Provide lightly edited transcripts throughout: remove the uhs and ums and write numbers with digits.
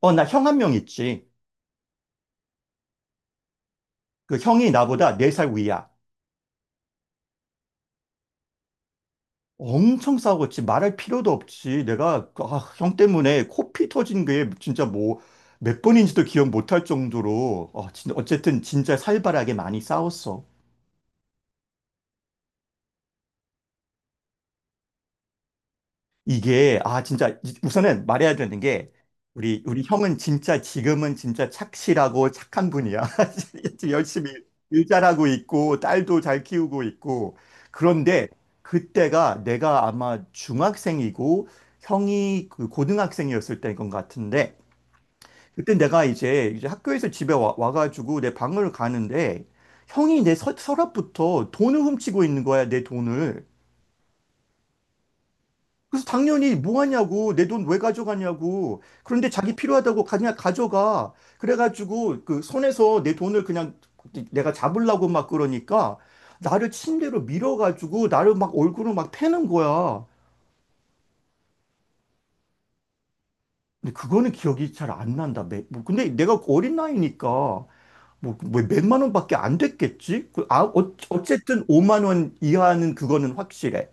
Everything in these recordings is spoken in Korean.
어, 나 형 한 명 있지. 그 형이 나보다 4살 위야. 엄청 싸웠지. 말할 필요도 없지. 내가, 형 때문에 코피 터진 게 진짜 뭐, 몇 번인지도 기억 못할 정도로, 어쨌든 진짜 살벌하게 많이 싸웠어. 이게 진짜 우선은 말해야 되는 게 우리 형은 진짜 지금은 진짜 착실하고 착한 분이야. 지금 열심히 일 잘하고 있고 딸도 잘 키우고 있고 그런데 그때가 내가 아마 중학생이고 형이 그 고등학생이었을 때인 것 같은데 그때 내가 이제 학교에서 집에 와가지고 내 방을 가는데 형이 내 서, 서랍부터 돈을 훔치고 있는 거야 내 돈을. 그래서 당연히 뭐 하냐고 내 돈 왜 가져가냐고 그런데 자기 필요하다고 그냥 가져가. 그래가지고 그 손에서 내 돈을 그냥 내가 잡으려고 막 그러니까 나를 침대로 밀어가지고 나를 막 얼굴을 막 패는 거야. 근데 그거는 기억이 잘 안 난다. 뭐 근데 내가 어린 나이니까 뭐 몇만 원밖에 안 됐겠지. 어쨌든 5만 원 이하는 그거는 확실해.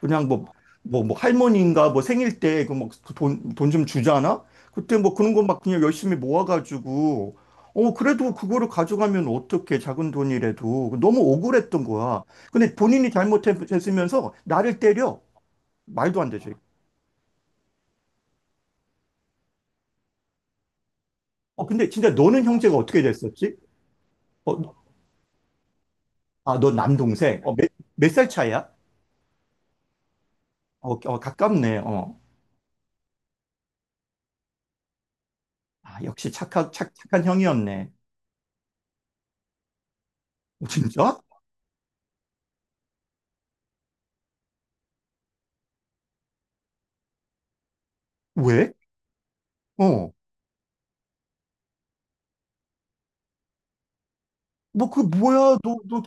그냥 뭐 할머니인가 뭐 생일 때 그 뭐 돈 좀 주잖아? 그때 뭐 그런 거 막 그냥 열심히 모아가지고, 그래도 그거를 가져가면 어떡해, 작은 돈이라도. 너무 억울했던 거야. 근데 본인이 잘못했으면서 나를 때려. 말도 안 되죠. 어, 근데 진짜 너는 형제가 어떻게 됐었지? 어, 아, 너 남동생. 어, 몇 살 차이야? 어, 어, 가깝네. 어. 아, 역시 착한 형이었네. 어, 진짜? 왜? 어. 너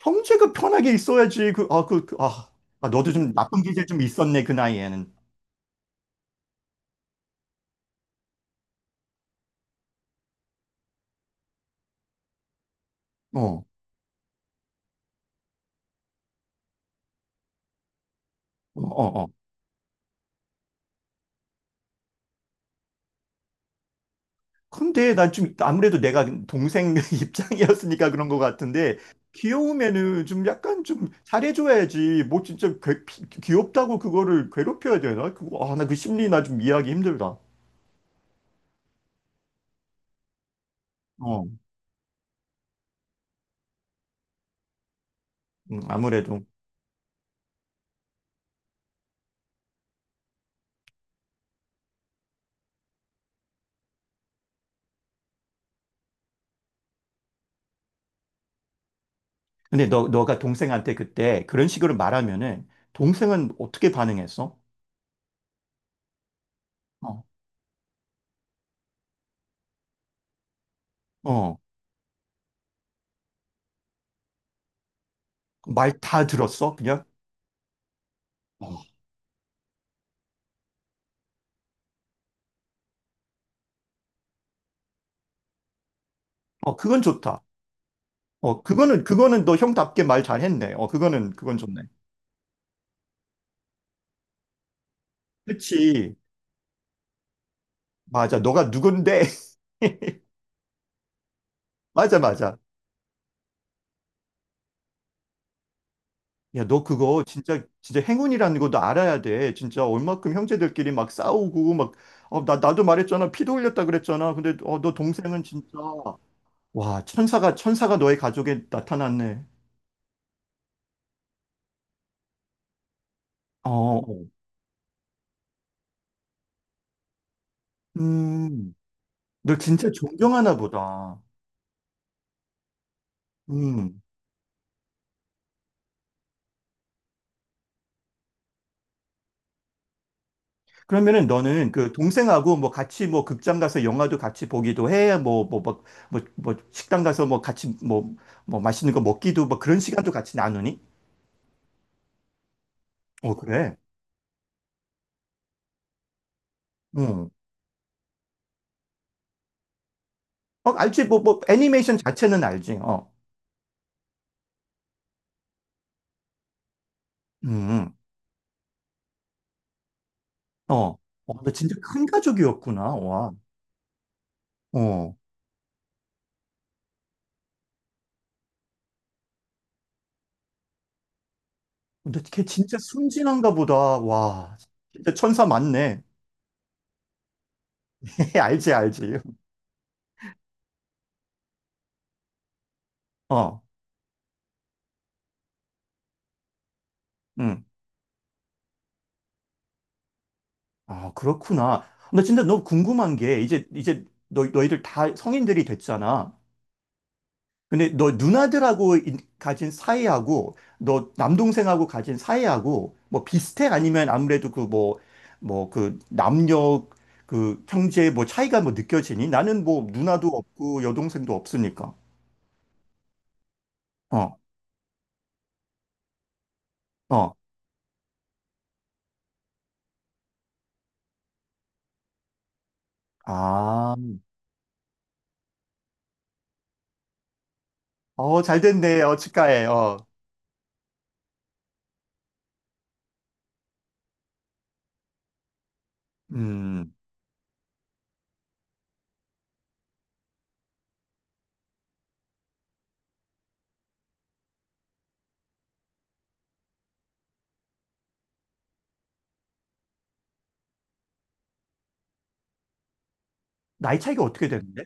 형제가 편하게 있어야지. 아, 너도 좀 나쁜 기질 좀 있었네, 그 나이에는. 어, 어, 어, 어. 근데 난 좀, 아무래도 내가 동생 입장이었으니까 그런 것 같은데, 귀여우면은 좀 약간 좀 잘해줘야지. 뭐 진짜 귀엽다고 그거를 괴롭혀야 되나? 그거, 나 그 심리 나 좀 이해하기 힘들다. 어, 아무래도. 근데 너가 동생한테 그때 그런 식으로 말하면은, 동생은 어떻게 반응했어? 어, 어, 말 다 들었어, 그냥? 어. 어, 그건 좋다. 어, 그거는 너 형답게 말 잘했네. 어, 그건 좋네. 그치. 맞아. 너가 누군데? 맞아, 맞아. 야, 너 그거 진짜, 진짜 행운이라는 것도 알아야 돼. 진짜 얼마큼 형제들끼리 막 싸우고, 막, 어, 나도 말했잖아. 피도 흘렸다 그랬잖아. 근데, 너 동생은 진짜, 와, 천사가, 천사가 너의 가족에 나타났네. 어, 음, 너 진짜 존경하나 보다. 음. 그러면은 너는 그 동생하고 뭐 같이 뭐 극장 가서 영화도 같이 보기도 해. 뭐 식당 가서 뭐 같이 뭐, 뭐 맛있는 거 먹기도 뭐 그런 시간도 같이 나누니? 어, 그래. 응. 어, 알지. 뭐 애니메이션 자체는 알지. 어. 음. 어. 어, 너 진짜 큰 가족이었구나. 와. 어. 근데 걔 진짜 순진한가 보다. 와. 진짜 천사 맞네. 알지, 알지. 어. 음. 아, 그렇구나. 나 진짜 너무 궁금한 게 이제 너 너희들 다 성인들이 됐잖아. 근데 너 누나들하고 가진 사이하고 너 남동생하고 가진 사이하고 뭐 비슷해? 아니면 아무래도 그 뭐 그 남녀 그 형제 뭐 차이가 뭐 느껴지니? 나는 뭐 누나도 없고 여동생도 없으니까. 어. 어. 아. 어, 잘 됐네. 어, 축하해. 어. 음. 나이 차이가 어떻게 되는데?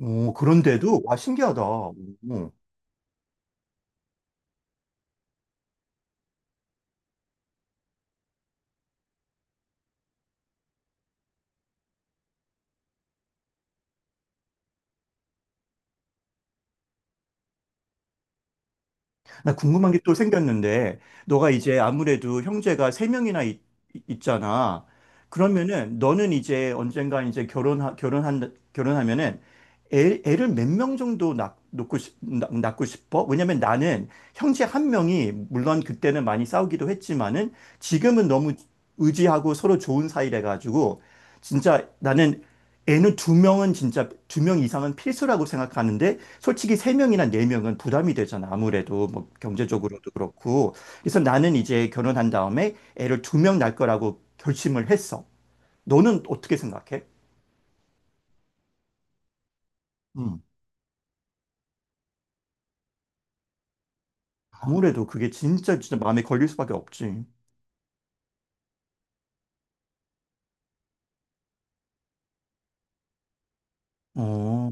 오, 그런데도 와 신기하다. 오. 나 궁금한 게 또 생겼는데, 너가 이제 아무래도 형제가 세 명이나 있잖아. 그러면은 너는 이제 언젠가 이제 결혼하면은 애를 몇 명 정도 낳, 놓고 싶, 낳, 낳고 싶어? 왜냐면 나는 형제 한 명이 물론 그때는 많이 싸우기도 했지만은 지금은 너무 의지하고 서로 좋은 사이래 가지고 진짜 나는 애는 두 명은 진짜 두 명 이상은 필수라고 생각하는데 솔직히 세명이나네명은 부담이 되잖아. 아무래도 뭐 경제적으로도 그렇고. 그래서 나는 이제 결혼한 다음에 애를 두 명 낳을 거라고 결심을 했어. 너는 어떻게 생각해? 음. 아무래도 그게 진짜 진짜 마음에 걸릴 수밖에 없지. 어,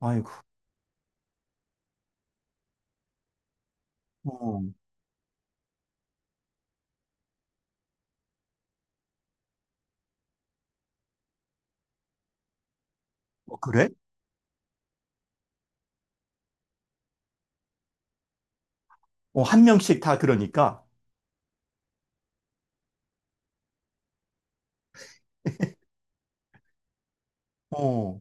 아이고. 어, 어, 그래? 어, 한 명씩 다 그러니까. 어,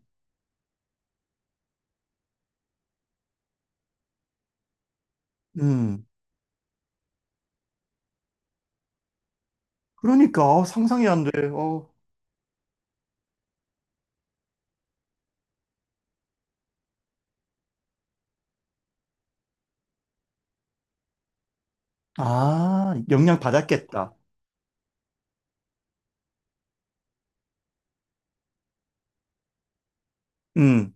음. 그러니까 상상이 안 돼. 어. 아, 영향 받았겠다. 음.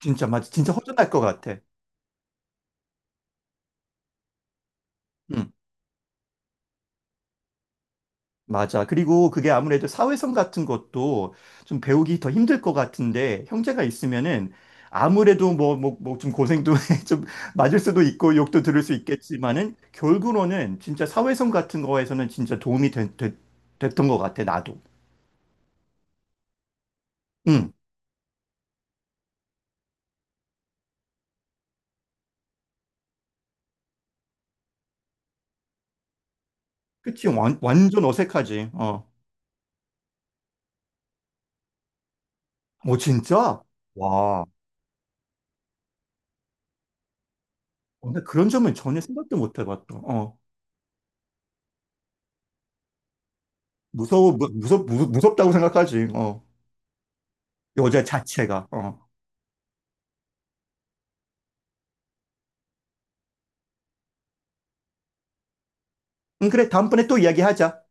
진짜 맞아. 진짜 허전할 것 같아. 음. 맞아. 그리고 그게 아무래도 사회성 같은 것도 좀 배우기 더 힘들 것 같은데, 형제가 있으면은 아무래도 뭐 좀 고생도 좀 맞을 수도 있고, 욕도 들을 수 있겠지만은, 결국으로는 진짜 사회성 같은 거에서는 진짜 도움이 됐던 것 같아, 나도. 응. 그치. 완전 어색하지. 어. 어, 진짜? 와. 어, 나 그런 점은 전혀 생각도 못 해봤다. 어. 무서워, 무섭다고 생각하지. 어. 여자 자체가. 어. 응, 그래. 다음번에 또 이야기하자.